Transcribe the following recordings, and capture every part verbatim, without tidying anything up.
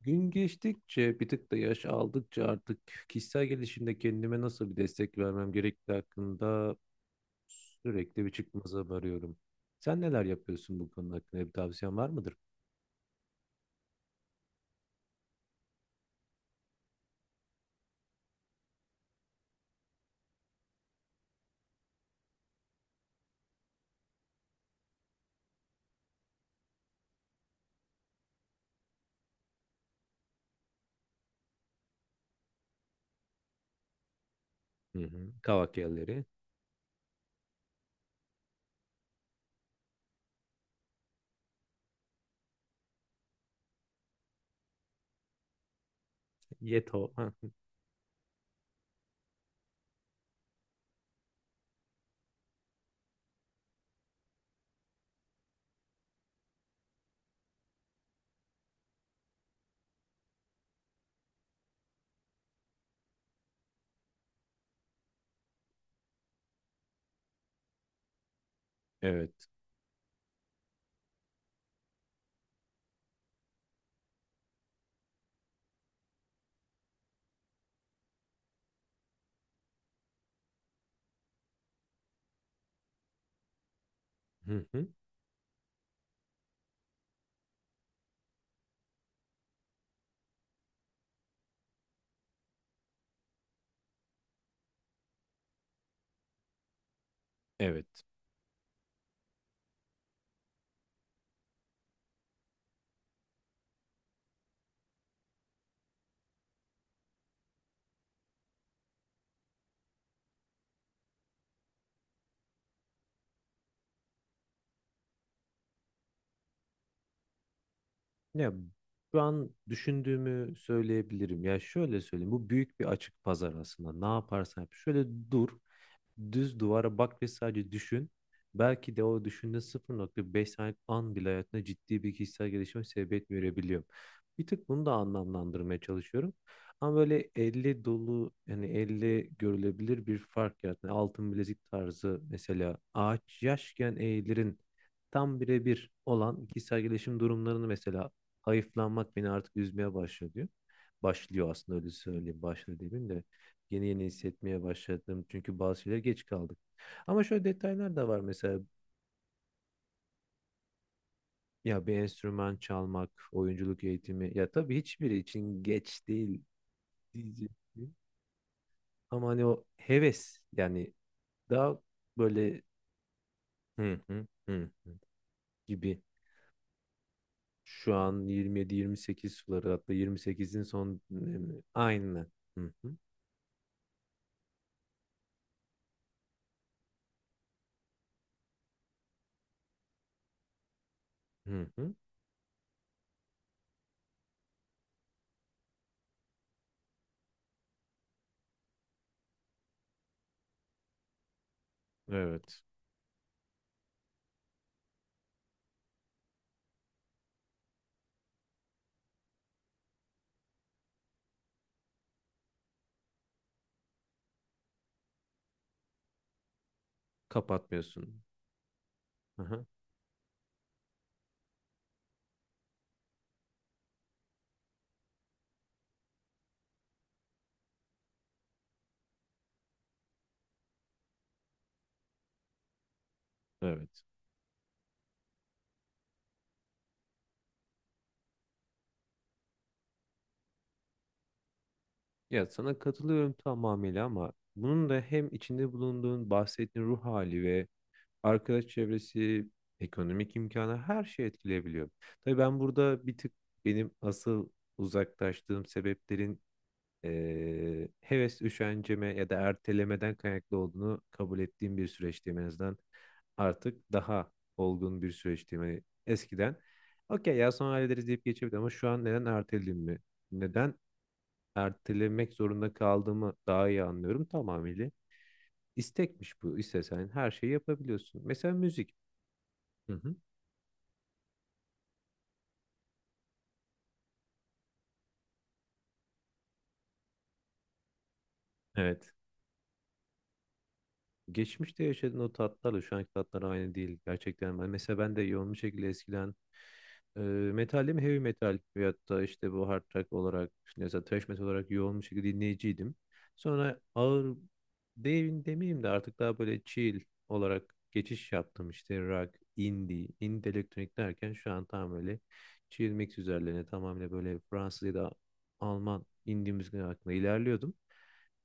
Gün geçtikçe bir tık da yaş aldıkça artık kişisel gelişimde kendime nasıl bir destek vermem gerektiği hakkında sürekli bir çıkmaza varıyorum. Sen neler yapıyorsun, bu konu hakkında bir tavsiyen var mıdır? Hı hı. Kavak yelleri. Yeto. Hı. Evet. Hı hı. Evet. Ya, şu an düşündüğümü söyleyebilirim. Ya şöyle söyleyeyim. Bu büyük bir açık pazar aslında. Ne yaparsan yap. Şöyle dur. Düz duvara bak ve sadece düşün. Belki de o düşündüğün sıfır nokta beş saniye an bile hayatında ciddi bir kişisel gelişime sebebiyet verebiliyor. Bir tık bunu da anlamlandırmaya çalışıyorum. Ama böyle elle dolu, yani elle görülebilir bir fark yaratma. Altın bilezik tarzı, mesela ağaç yaşken eğilirin tam birebir olan kişisel gelişim durumlarını, mesela hayıflanmak beni artık üzmeye başlıyor diyor. Başlıyor aslında, öyle söyleyeyim, başlıyor demeyeyim de. Yeni yeni hissetmeye başladım. Çünkü bazı şeyler geç kaldık. Ama şöyle detaylar da var mesela. Ya bir enstrüman çalmak, oyunculuk eğitimi. Ya tabii hiçbiri için geç değil diyecektim. Ama hani o heves yani, daha böyle hı hı hı hı gibi. Şu an yirmi yedi yirmi sekiz suları, hatta yirmi sekizin son dönemi. Aynı. Hı hı hı hı. Evet. Kapatmıyorsun. Hı hı. Evet. Ya, sana katılıyorum tamamıyla, ama bunun da hem içinde bulunduğun bahsettiğin ruh hali ve arkadaş çevresi, ekonomik imkanı, her şey etkileyebiliyor. Tabii ben burada bir tık benim asıl uzaklaştığım sebeplerin eee, heves üşenceme ya da ertelemeden kaynaklı olduğunu kabul ettiğim bir süreçteyim en azından. Artık daha olgun bir süreçteyim. Hani eskiden okey ya, sonra hallederiz deyip geçebilirdim ama şu an neden ertelediğimi, neden ertelemek zorunda kaldığımı daha iyi anlıyorum tamamıyla. İstekmiş bu. İstesen her şeyi yapabiliyorsun. Mesela müzik. Hı hı. Evet. Geçmişte yaşadığın o tatlarla şu anki tatlar aynı değil gerçekten. Ben, mesela ben de yoğun bir şekilde eskiden e, metalim, heavy metal veyahut da işte bu hard rock olarak, işte mesela thrash metal olarak yoğun bir şekilde dinleyiciydim. Sonra ağır değil demeyeyim de, artık daha böyle chill olarak geçiş yaptım, işte rock, indie, indie elektronik derken şu an tam böyle chill mix üzerlerine, tamamıyla böyle Fransız ya da Alman indie müzik hakkında ilerliyordum.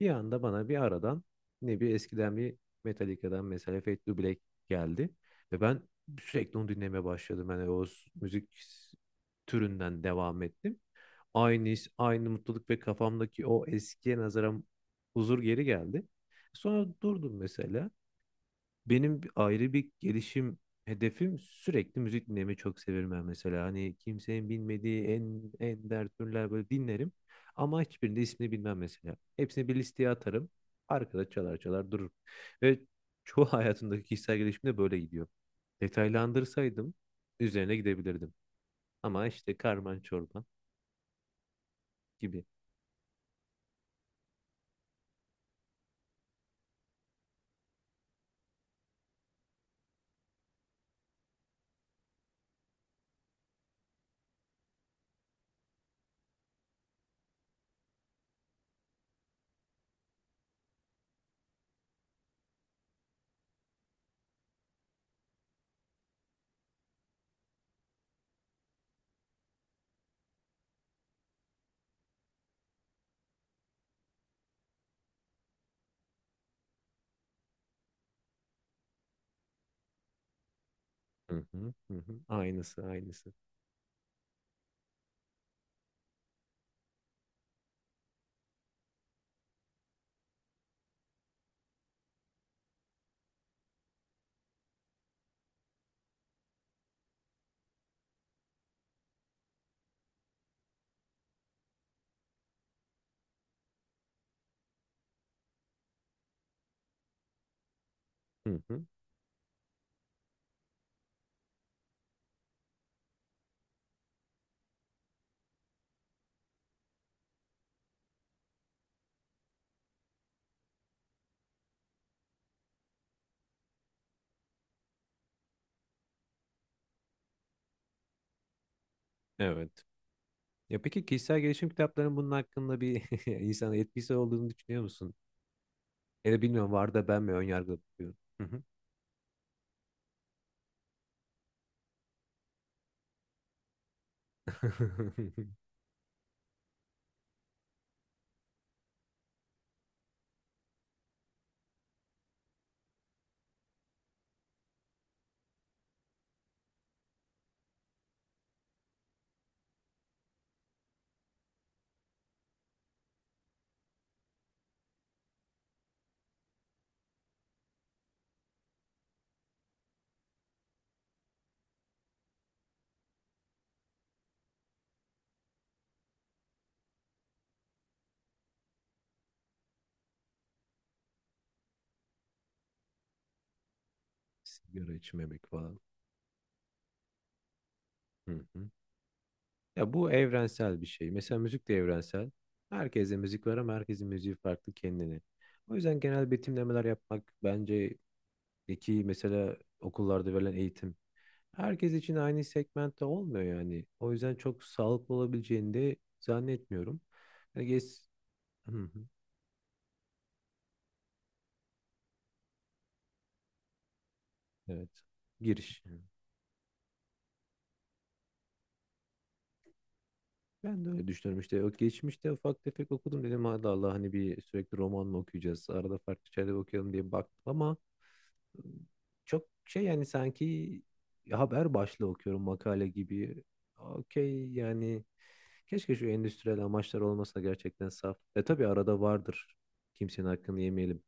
Bir anda bana bir aradan ne bir eskiden bir Metallica'dan mesela Fade to Black geldi. Ve ben sürekli onu dinlemeye başladım. Yani o s- müzik s- türünden devam ettim. Aynı his, aynı mutluluk ve kafamdaki o eskiye nazaran huzur geri geldi. Sonra durdum mesela. Benim bir- ayrı bir gelişim hedefim, sürekli müzik dinlemeyi çok severim ben mesela. Hani kimsenin bilmediği en ender türler böyle dinlerim. Ama hiçbirinde ismini bilmem mesela. Hepsini bir listeye atarım. Arkada çalar çalar durur. Ve çoğu hayatımdaki kişisel gelişimde böyle gidiyor. Detaylandırsaydım üzerine gidebilirdim. Ama işte karman çorba gibi. Hı hı, hı hı. Aynısı aynısı. Hı hı. Evet. Ya peki, kişisel gelişim kitaplarının bunun hakkında bir insana etkisi olduğunu düşünüyor musun? Ya da bilmiyorum, var da ben mi önyargılı bakıyorum. Hı hı. Sigara içmemek falan. Hı hı. Ya, bu evrensel bir şey. Mesela müzik de evrensel. Herkese müzik var, ama herkesin müziği farklı kendine. O yüzden genel betimlemeler yapmak bence, ki mesela okullarda verilen eğitim. Herkes için aynı segmentte olmuyor yani. O yüzden çok sağlıklı olabileceğini de zannetmiyorum. Yani geç... Hı hı. Evet. Giriş. Ben de öyle düşünüyorum işte. O geçmişte ufak tefek okudum, dedim hadi Allah, hani bir sürekli roman mı okuyacağız? Arada farklı şeyler okuyalım diye baktım ama ıı, çok şey, yani sanki haber başlığı okuyorum, makale gibi. Okey yani, keşke şu endüstriyel amaçlar olmasa, gerçekten saf. E tabii arada vardır. Kimsenin hakkını yemeyelim.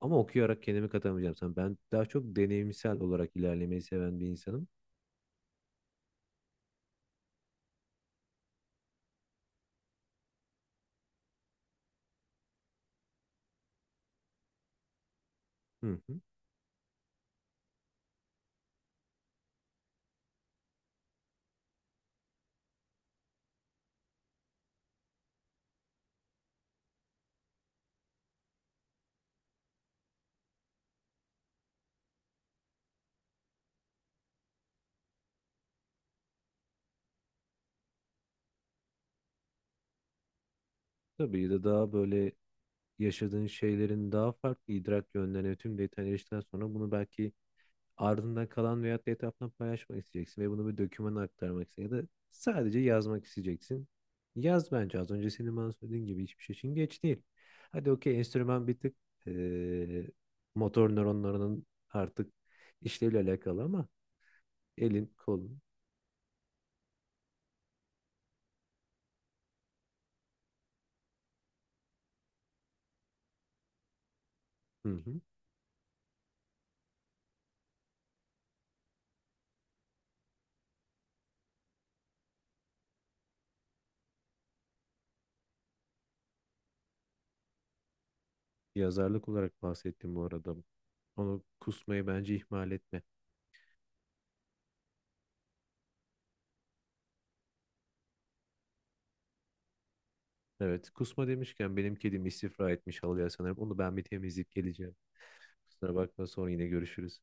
Ama okuyarak kendimi katamayacağım sana. Ben daha çok deneyimsel olarak ilerlemeyi seven bir insanım. Hı hı. Tabii de, daha böyle yaşadığın şeylerin daha farklı idrak yönlerine, tüm detayları eriştikten sonra bunu belki ardından kalan veyahut da etrafına paylaşmak isteyeceksin ve bunu bir dokümana aktarmak isteyeceksin ya da sadece yazmak isteyeceksin. Yaz, bence az önce senin bana söylediğin gibi, hiçbir şey için geç değil. Hadi okey, enstrüman bir tık eee, motor nöronlarının artık işlevle alakalı, ama elin kolun. Hı hı. Yazarlık olarak bahsettim bu arada. Onu kusmayı bence ihmal etme. Evet, kusma demişken benim kedim istifra etmiş halıya sanırım. Onu ben bir temizleyip geleceğim. Kusura bakma, sonra yine görüşürüz.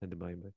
Hadi bay bay.